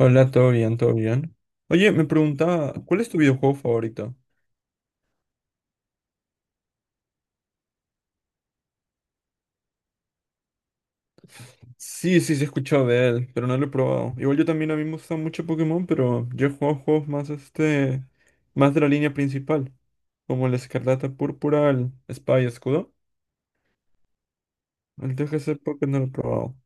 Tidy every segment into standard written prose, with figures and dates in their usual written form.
Hola, todo bien, todo bien. Oye, me preguntaba, ¿cuál es tu videojuego favorito? Sí, sí, sí he escuchado de él, pero no lo he probado. Igual yo también a mí me gusta mucho Pokémon, pero yo he jugado juegos más más de la línea principal, como el Escarlata Púrpura, el Espada y Escudo. El DGC Pokémon no lo he probado.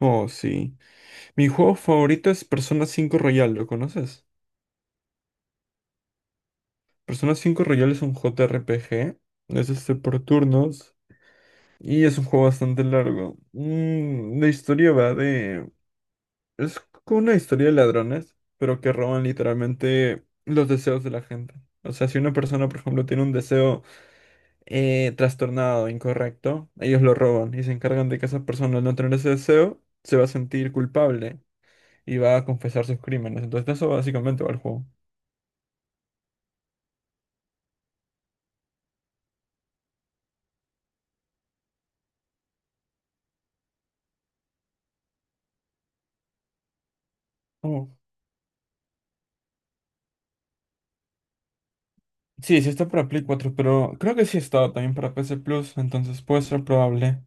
Oh, sí. Mi juego favorito es Persona cinco Royal, ¿lo conoces? Persona cinco Royal es un JRPG, es por turnos. Y es un juego bastante largo. La historia va de. Es como una historia de ladrones, pero que roban literalmente los deseos de la gente. O sea, si una persona, por ejemplo, tiene un deseo trastornado, incorrecto, ellos lo roban y se encargan de que esa persona al no tener ese deseo se va a sentir culpable y va a confesar sus crímenes. Entonces, de eso básicamente va el juego. Oh. Sí, sí está para Play 4, pero creo que sí estaba también para PC Plus, entonces puede ser probable.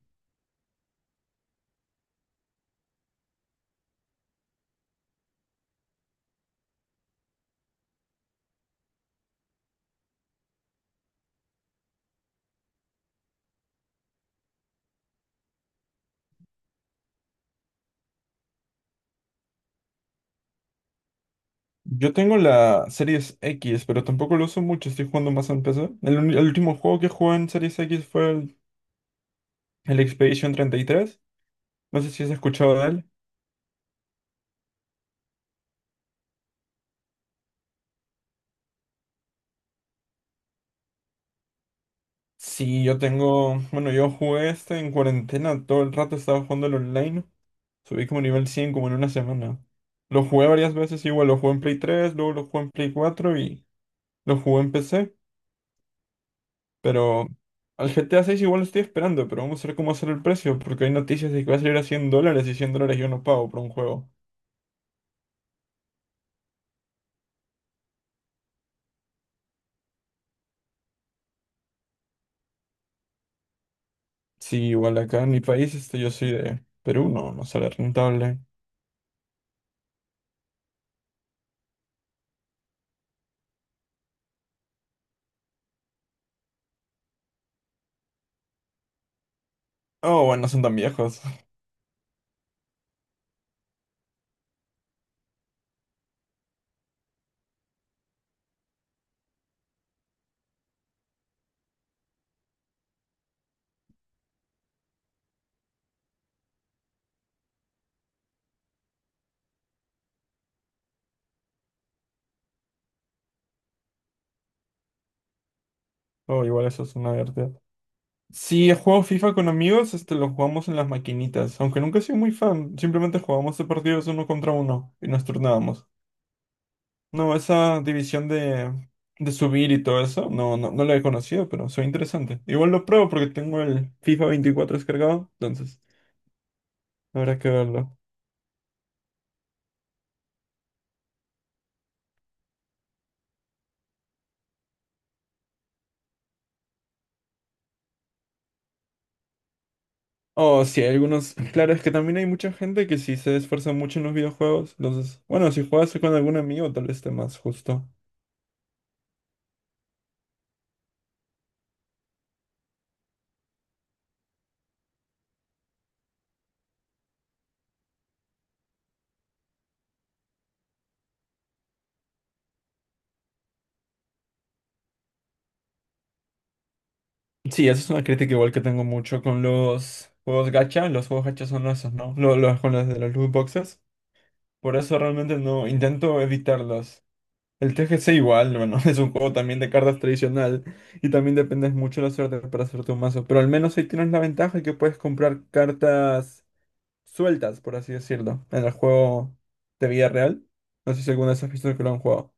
Yo tengo la Series X, pero tampoco lo uso mucho, estoy jugando más en PC. El último juego que jugué en Series X fue el Expedition 33. No sé si has escuchado de él. Sí, yo jugué en cuarentena, todo el rato estaba jugando el online. Subí como nivel 100 como en una semana. Lo jugué varias veces, igual lo jugué en Play 3, luego lo jugué en Play 4 y lo jugué en PC. Pero al GTA 6 igual lo estoy esperando, pero vamos a ver cómo va a ser el precio, porque hay noticias de que va a salir a $100 y $100 yo no pago por un juego. Sí, igual acá en mi país, yo soy de Perú, no, no sale rentable. Oh, bueno, no son tan viejos. Oh, igual eso es una verdad. Sí, he jugado FIFA con amigos, lo jugamos en las maquinitas, aunque nunca he sido muy fan, simplemente jugábamos de partidos uno contra uno y nos turnábamos. No, esa división de subir y todo eso, no, no, no la he conocido, pero soy interesante. Igual lo pruebo porque tengo el FIFA 24 descargado, entonces habrá que verlo. Oh, sí, hay algunos. Claro, es que también hay mucha gente que sí se esfuerza mucho en los videojuegos. Entonces, bueno, si juegas con algún amigo, tal vez esté más justo. Sí, esa es una crítica igual que tengo mucho con los juegos gacha. Los juegos gacha son esos, ¿no? Los, con los de los loot boxes. Por eso realmente no intento evitarlos. El TGC igual, bueno, es un juego también de cartas tradicional y también dependes mucho de la suerte para hacer tu mazo. Pero al menos ahí tienes la ventaja que puedes comprar cartas sueltas, por así decirlo, en el juego de vida real. No sé si alguna vez has visto que lo han jugado.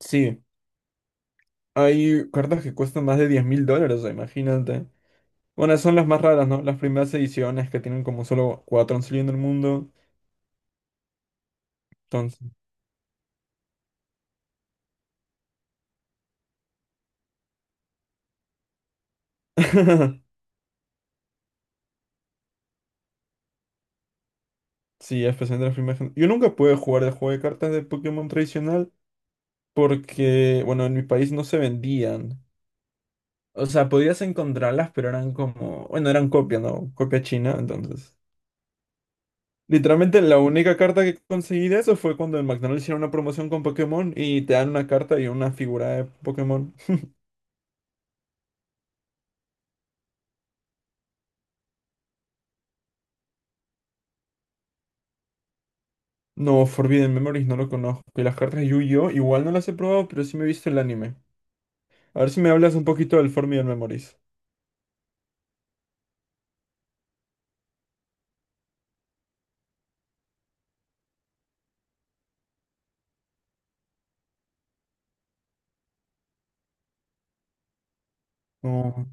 Sí, hay cartas que cuestan más de 10.000 dólares, o sea, imagínate. Bueno, son las más raras, ¿no? Las primeras ediciones que tienen como solo cuatro han salido en el mundo. Entonces. Sí, especialmente las primeras. Yo nunca pude jugar el juego de cartas de Pokémon tradicional porque, bueno, en mi país no se vendían. O sea, podías encontrarlas, pero eran como, bueno, eran copia, ¿no? Copia china, entonces. Literalmente la única carta que conseguí de eso fue cuando en McDonald's hicieron una promoción con Pokémon y te dan una carta y una figura de Pokémon. No, Forbidden Memories no lo conozco. Y las cartas de Yu-Gi-Oh! Igual no las he probado, pero sí me he visto el anime. A ver si me hablas un poquito del Forbidden Memories. No,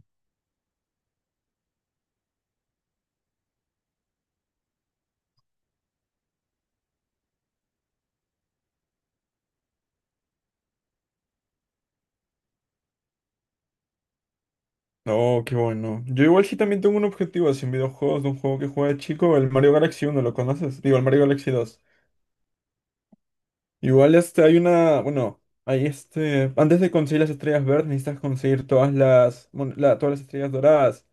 no, qué bueno. Yo igual sí también tengo un objetivo así en videojuegos, de un juego que juega de chico, el Mario Galaxy uno, ¿lo conoces? Digo, el Mario Galaxy dos. Igual hay bueno, hay antes de conseguir las estrellas verdes necesitas conseguir todas las, bueno, todas las estrellas doradas.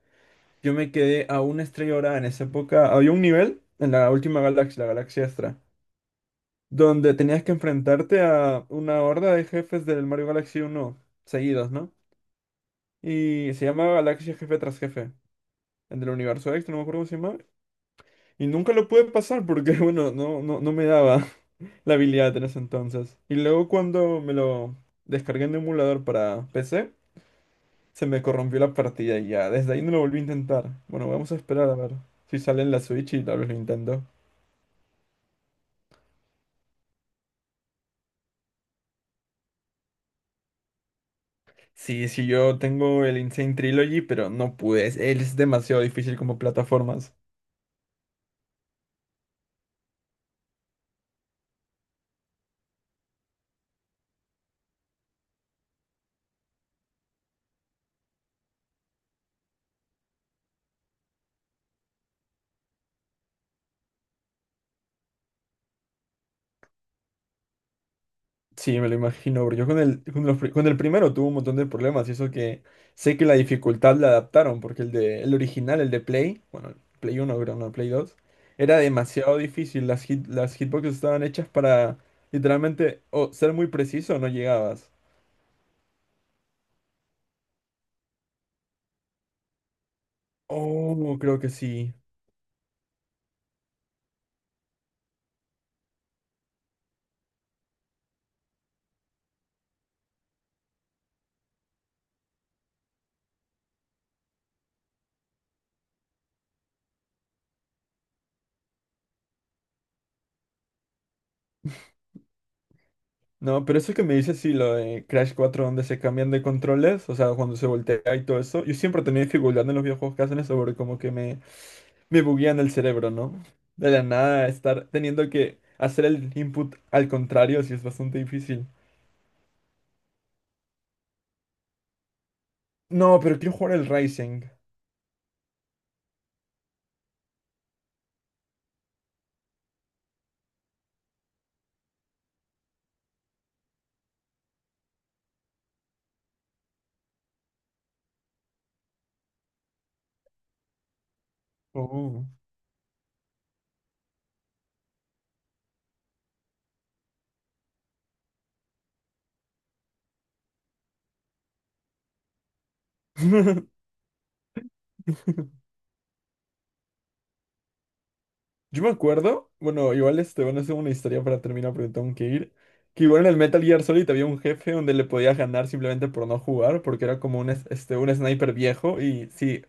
Yo me quedé a una estrella dorada en esa época. Había un nivel en la última galaxia, la galaxia Astra, donde tenías que enfrentarte a una horda de jefes del Mario Galaxy uno seguidos, ¿no? Y se llamaba Galaxia Jefe tras Jefe, el del universo extra, no me acuerdo cómo se llamaba. Y nunca lo pude pasar porque, bueno, no, no, no me daba la habilidad en ese entonces. Y luego cuando me lo descargué en un emulador para PC, se me corrompió la partida y ya, desde ahí no lo volví a intentar. Bueno, vamos a esperar a ver si sale en la Switch y tal vez lo intento. Sí, sí, yo tengo el Insane Trilogy, pero no pude. Es demasiado difícil como plataformas. Sí, me lo imagino, bro. Yo con el primero tuve un montón de problemas y eso que sé que la dificultad la adaptaron, porque el original, el de Play, bueno, Play uno, creo, no, Play 2, era demasiado difícil. Las hitboxes estaban hechas para literalmente o ser muy preciso o no llegabas. Oh, creo que sí. No, pero eso que me dices, sí, lo de Crash 4, donde se cambian de controles, o sea, cuando se voltea y todo eso, yo siempre tenía dificultad en los videojuegos que hacen eso, porque como que me buguean el cerebro, ¿no? De la nada, estar teniendo que hacer el input al contrario, sí es bastante difícil. No, pero quiero jugar el Rising. Oh. Yo me acuerdo, bueno, igual bueno, es una historia para terminar, porque tengo que ir. Que igual en el Metal Gear Solid había un jefe donde le podías ganar simplemente por no jugar, porque era como un sniper viejo. Y si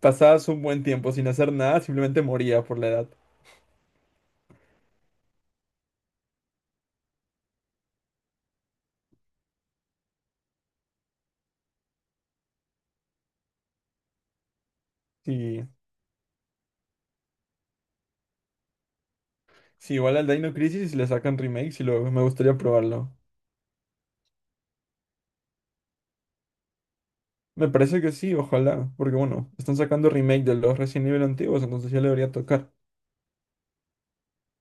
pasabas un buen tiempo sin hacer nada, simplemente moría por la edad. Sí, sí, igual al Dino Crisis le sacan remakes y luego me gustaría probarlo. Me parece que sí, ojalá, porque bueno, están sacando remake de los Resident Evil antiguos, entonces ya le debería tocar.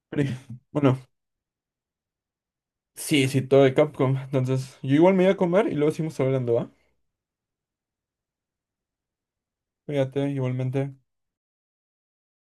Pero, bueno, sí, sí, todo de Capcom. Entonces, yo igual me voy a comer y luego seguimos hablando, ¿va? Cuídate, igualmente.